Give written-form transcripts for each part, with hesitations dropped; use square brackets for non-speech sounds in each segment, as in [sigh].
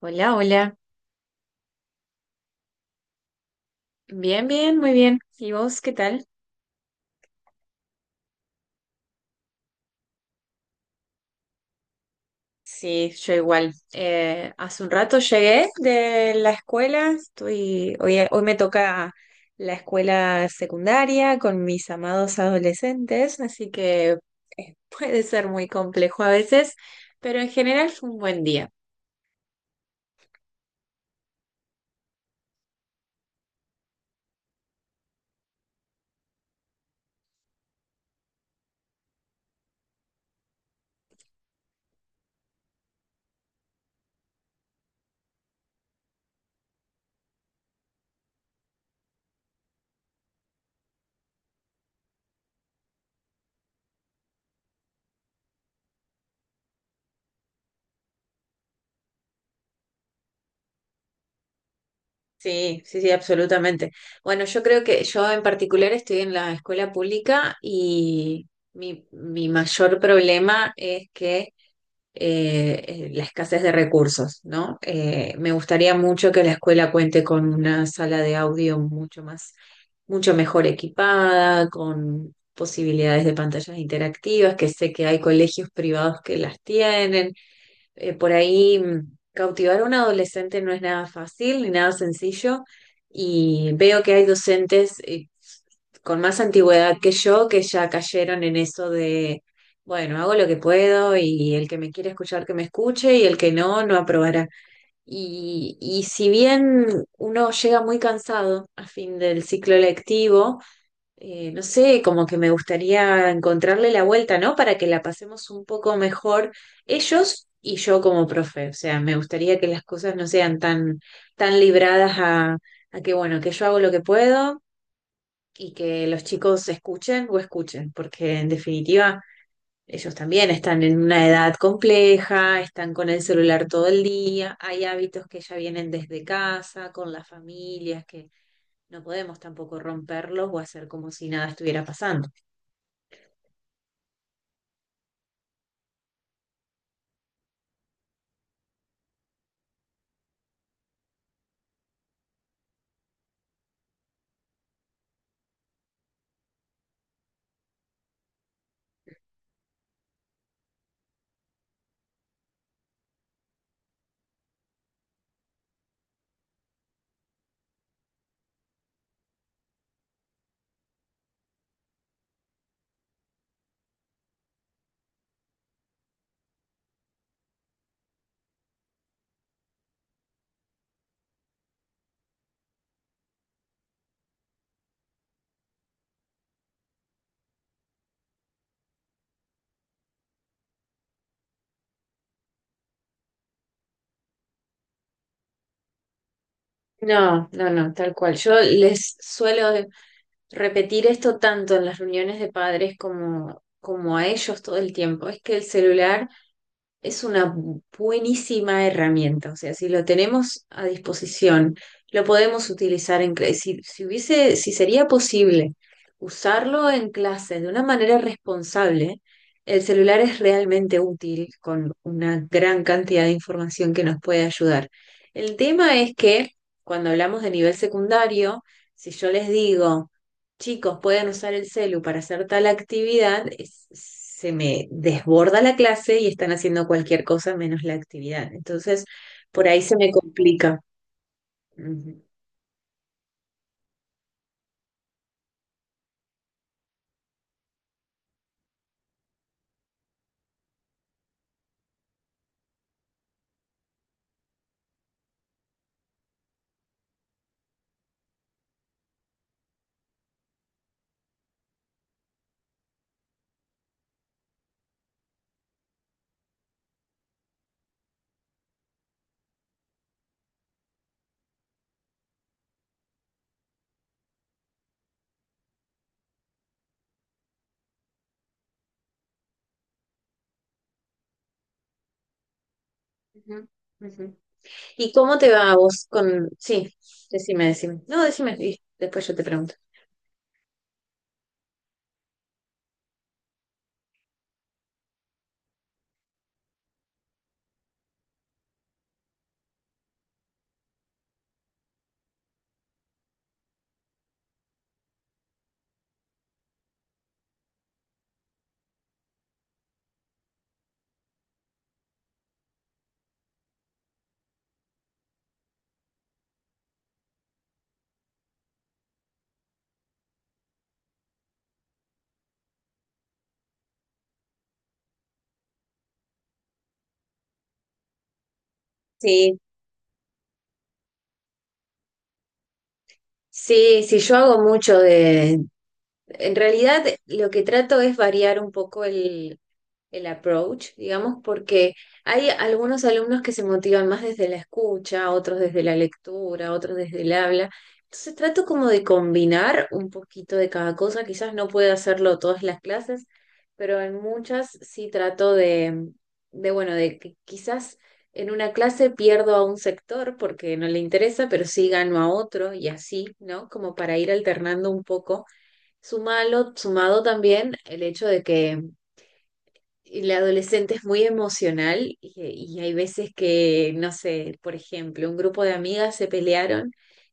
Hola, hola. Bien, bien, muy bien. ¿Y vos qué tal? Sí, yo igual. Hace un rato llegué de la escuela. Estoy, hoy me toca la escuela secundaria con mis amados adolescentes, así que [laughs] puede ser muy complejo a veces, pero en general fue un buen día. Sí, sí, sí, absolutamente. Bueno, yo creo que yo en particular estoy en la escuela pública y mi mayor problema es que la escasez de recursos, ¿no? Me gustaría mucho que la escuela cuente con una sala de audio mucho más, mucho mejor equipada, con posibilidades de pantallas interactivas, que sé que hay colegios privados que las tienen por ahí cautivar a un adolescente no es nada fácil ni nada sencillo. Y veo que hay docentes con más antigüedad que yo que ya cayeron en eso de, bueno, hago lo que puedo y el que me quiere escuchar que me escuche y el que no, no aprobará. Y si bien uno llega muy cansado a fin del ciclo lectivo, no sé, como que me gustaría encontrarle la vuelta, ¿no? Para que la pasemos un poco mejor ellos y yo como profe. O sea, me gustaría que las cosas no sean tan, tan libradas a que, bueno, que yo hago lo que puedo y que los chicos escuchen o escuchen, porque en definitiva ellos también están en una edad compleja, están con el celular todo el día, hay hábitos que ya vienen desde casa, con las familias, que no podemos tampoco romperlos o hacer como si nada estuviera pasando. No, no, no, tal cual. Yo les suelo repetir esto tanto en las reuniones de padres como, como a ellos todo el tiempo. Es que el celular es una buenísima herramienta, o sea, si lo tenemos a disposición, lo podemos utilizar en clase. Si, si hubiese, si sería posible usarlo en clase de una manera responsable, el celular es realmente útil con una gran cantidad de información que nos puede ayudar. El tema es que cuando hablamos de nivel secundario, si yo les digo, chicos pueden usar el celu para hacer tal actividad, es- se me desborda la clase y están haciendo cualquier cosa menos la actividad. Entonces, por ahí se me complica. Ujú, ujú, ujú. ¿Y cómo te va a vos con...? Sí, decime, decime. No, decime y después yo te pregunto. Sí, sí, sí, yo hago mucho de, en realidad, lo que trato es variar un poco el approach, digamos, porque hay algunos alumnos que se motivan más desde la escucha, otros desde la lectura, otros desde el habla. Entonces trato como de combinar un poquito de cada cosa. Quizás no pueda hacerlo todas las clases, pero en muchas sí trato de bueno, de que quizás en una clase pierdo a un sector porque no le interesa, pero sí gano a otro y así, ¿no? Como para ir alternando un poco. Sumalo, sumado también el hecho de que el adolescente es muy emocional y hay veces que, no sé, por ejemplo, un grupo de amigas se pelearon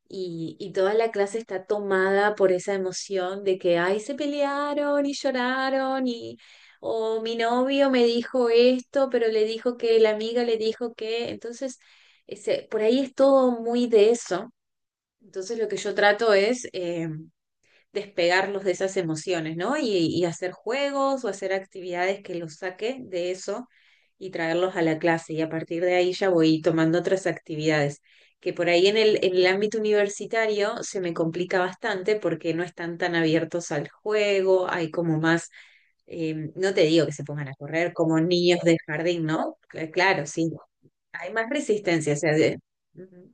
y toda la clase está tomada por esa emoción de que, ay, se pelearon y lloraron y, o mi novio me dijo esto, pero le dijo que la amiga le dijo que, entonces, ese- por ahí es todo muy de eso. Entonces, lo que yo trato es... despegarlos de esas emociones, ¿no? Y hacer juegos o hacer actividades que los saque de eso y traerlos a la clase. Y a partir de ahí ya voy tomando otras actividades, que por ahí en el ámbito universitario se me complica bastante porque no están tan abiertos al juego, hay como más, no te digo que se pongan a correr como niños de jardín, ¿no? Claro, sí, hay más resistencia, o sea, de- Ujú,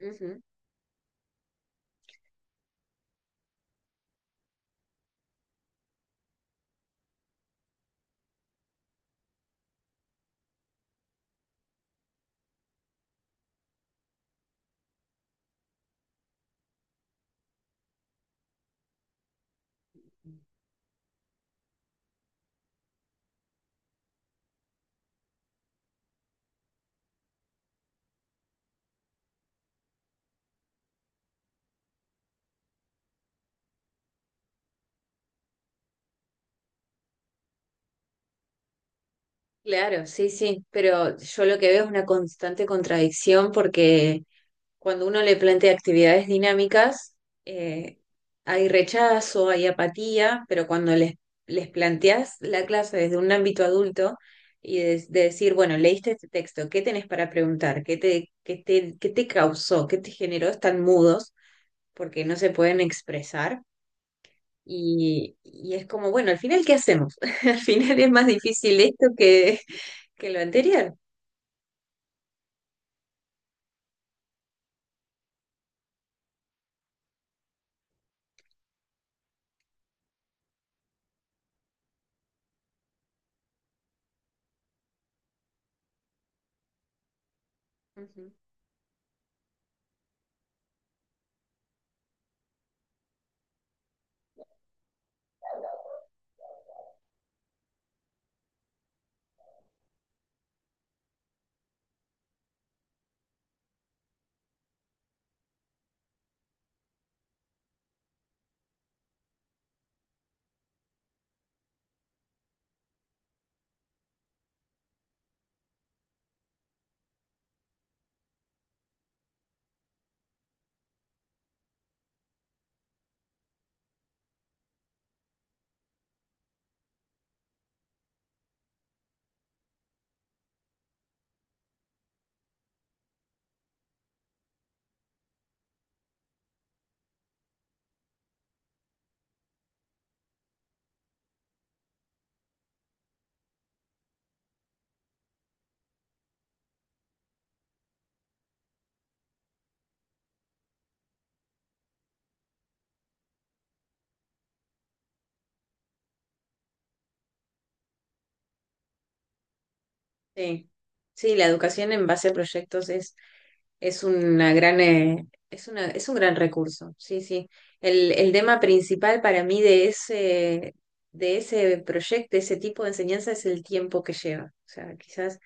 ujú. Claro, sí, sí, pero yo lo que veo es una constante contradicción porque cuando uno le plantea actividades dinámicas, eh, hay rechazo, hay apatía, pero cuando les planteas la clase desde un ámbito adulto y de decir, bueno, leíste este texto, ¿qué tenés para preguntar? ¿Qué te, qué te, qué te causó? ¿Qué te generó? Están mudos porque no se pueden expresar. Y es como, bueno, al final, ¿qué hacemos? [laughs] Al final es más difícil esto que lo anterior. Ujú. Sí, sí, la educación en base a proyectos es una gran, es una, es un gran recurso. Sí, sí. El tema principal para mí de ese proyecto, de ese tipo de enseñanza, es el tiempo que lleva. O sea, quizás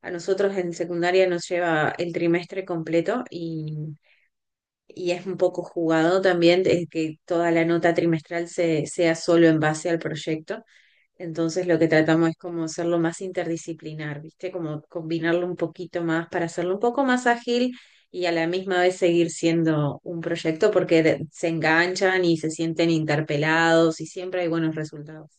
a nosotros en secundaria nos lleva el trimestre completo y es un poco jugado también de que toda la nota trimestral se, sea solo en base al proyecto. Entonces lo que tratamos es como hacerlo más interdisciplinar, ¿viste? Como combinarlo un poquito más para hacerlo un poco más ágil y a la misma vez seguir siendo un proyecto porque de- se enganchan y se sienten interpelados y siempre hay buenos resultados.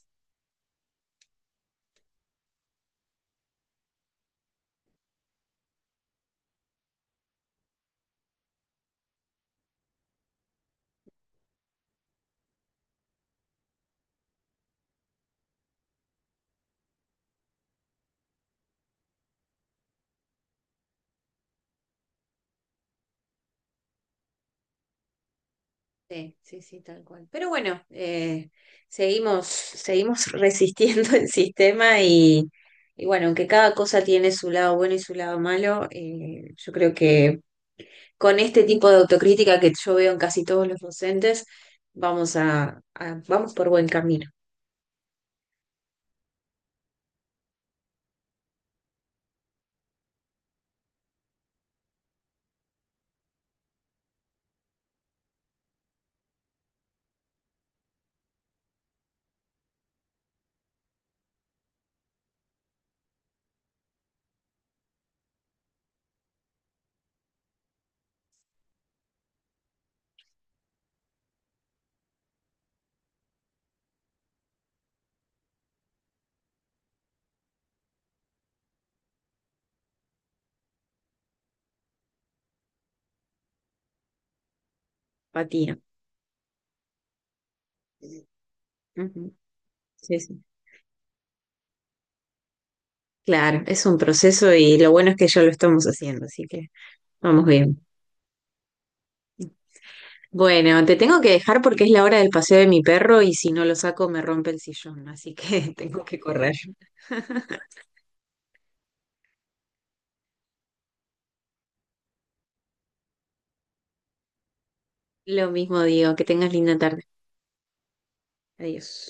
Sí, sí, sí, tal cual. Pero bueno, seguimos, seguimos [laughs] resistiendo el sistema y bueno, aunque cada cosa tiene su lado bueno y su lado malo, yo creo que con este tipo de autocrítica que yo veo en casi todos los docentes, vamos a- vamos por buen camino. Patina. Ujú, sí, sí. Claro, es un proceso y lo bueno es que ya lo estamos haciendo, así que vamos bien. Bueno, te tengo que dejar porque es la hora del paseo de mi perro y si no lo saco me rompe el sillón, así que [laughs] tengo que correr. Lo mismo digo, que tengas linda tarde. Adiós.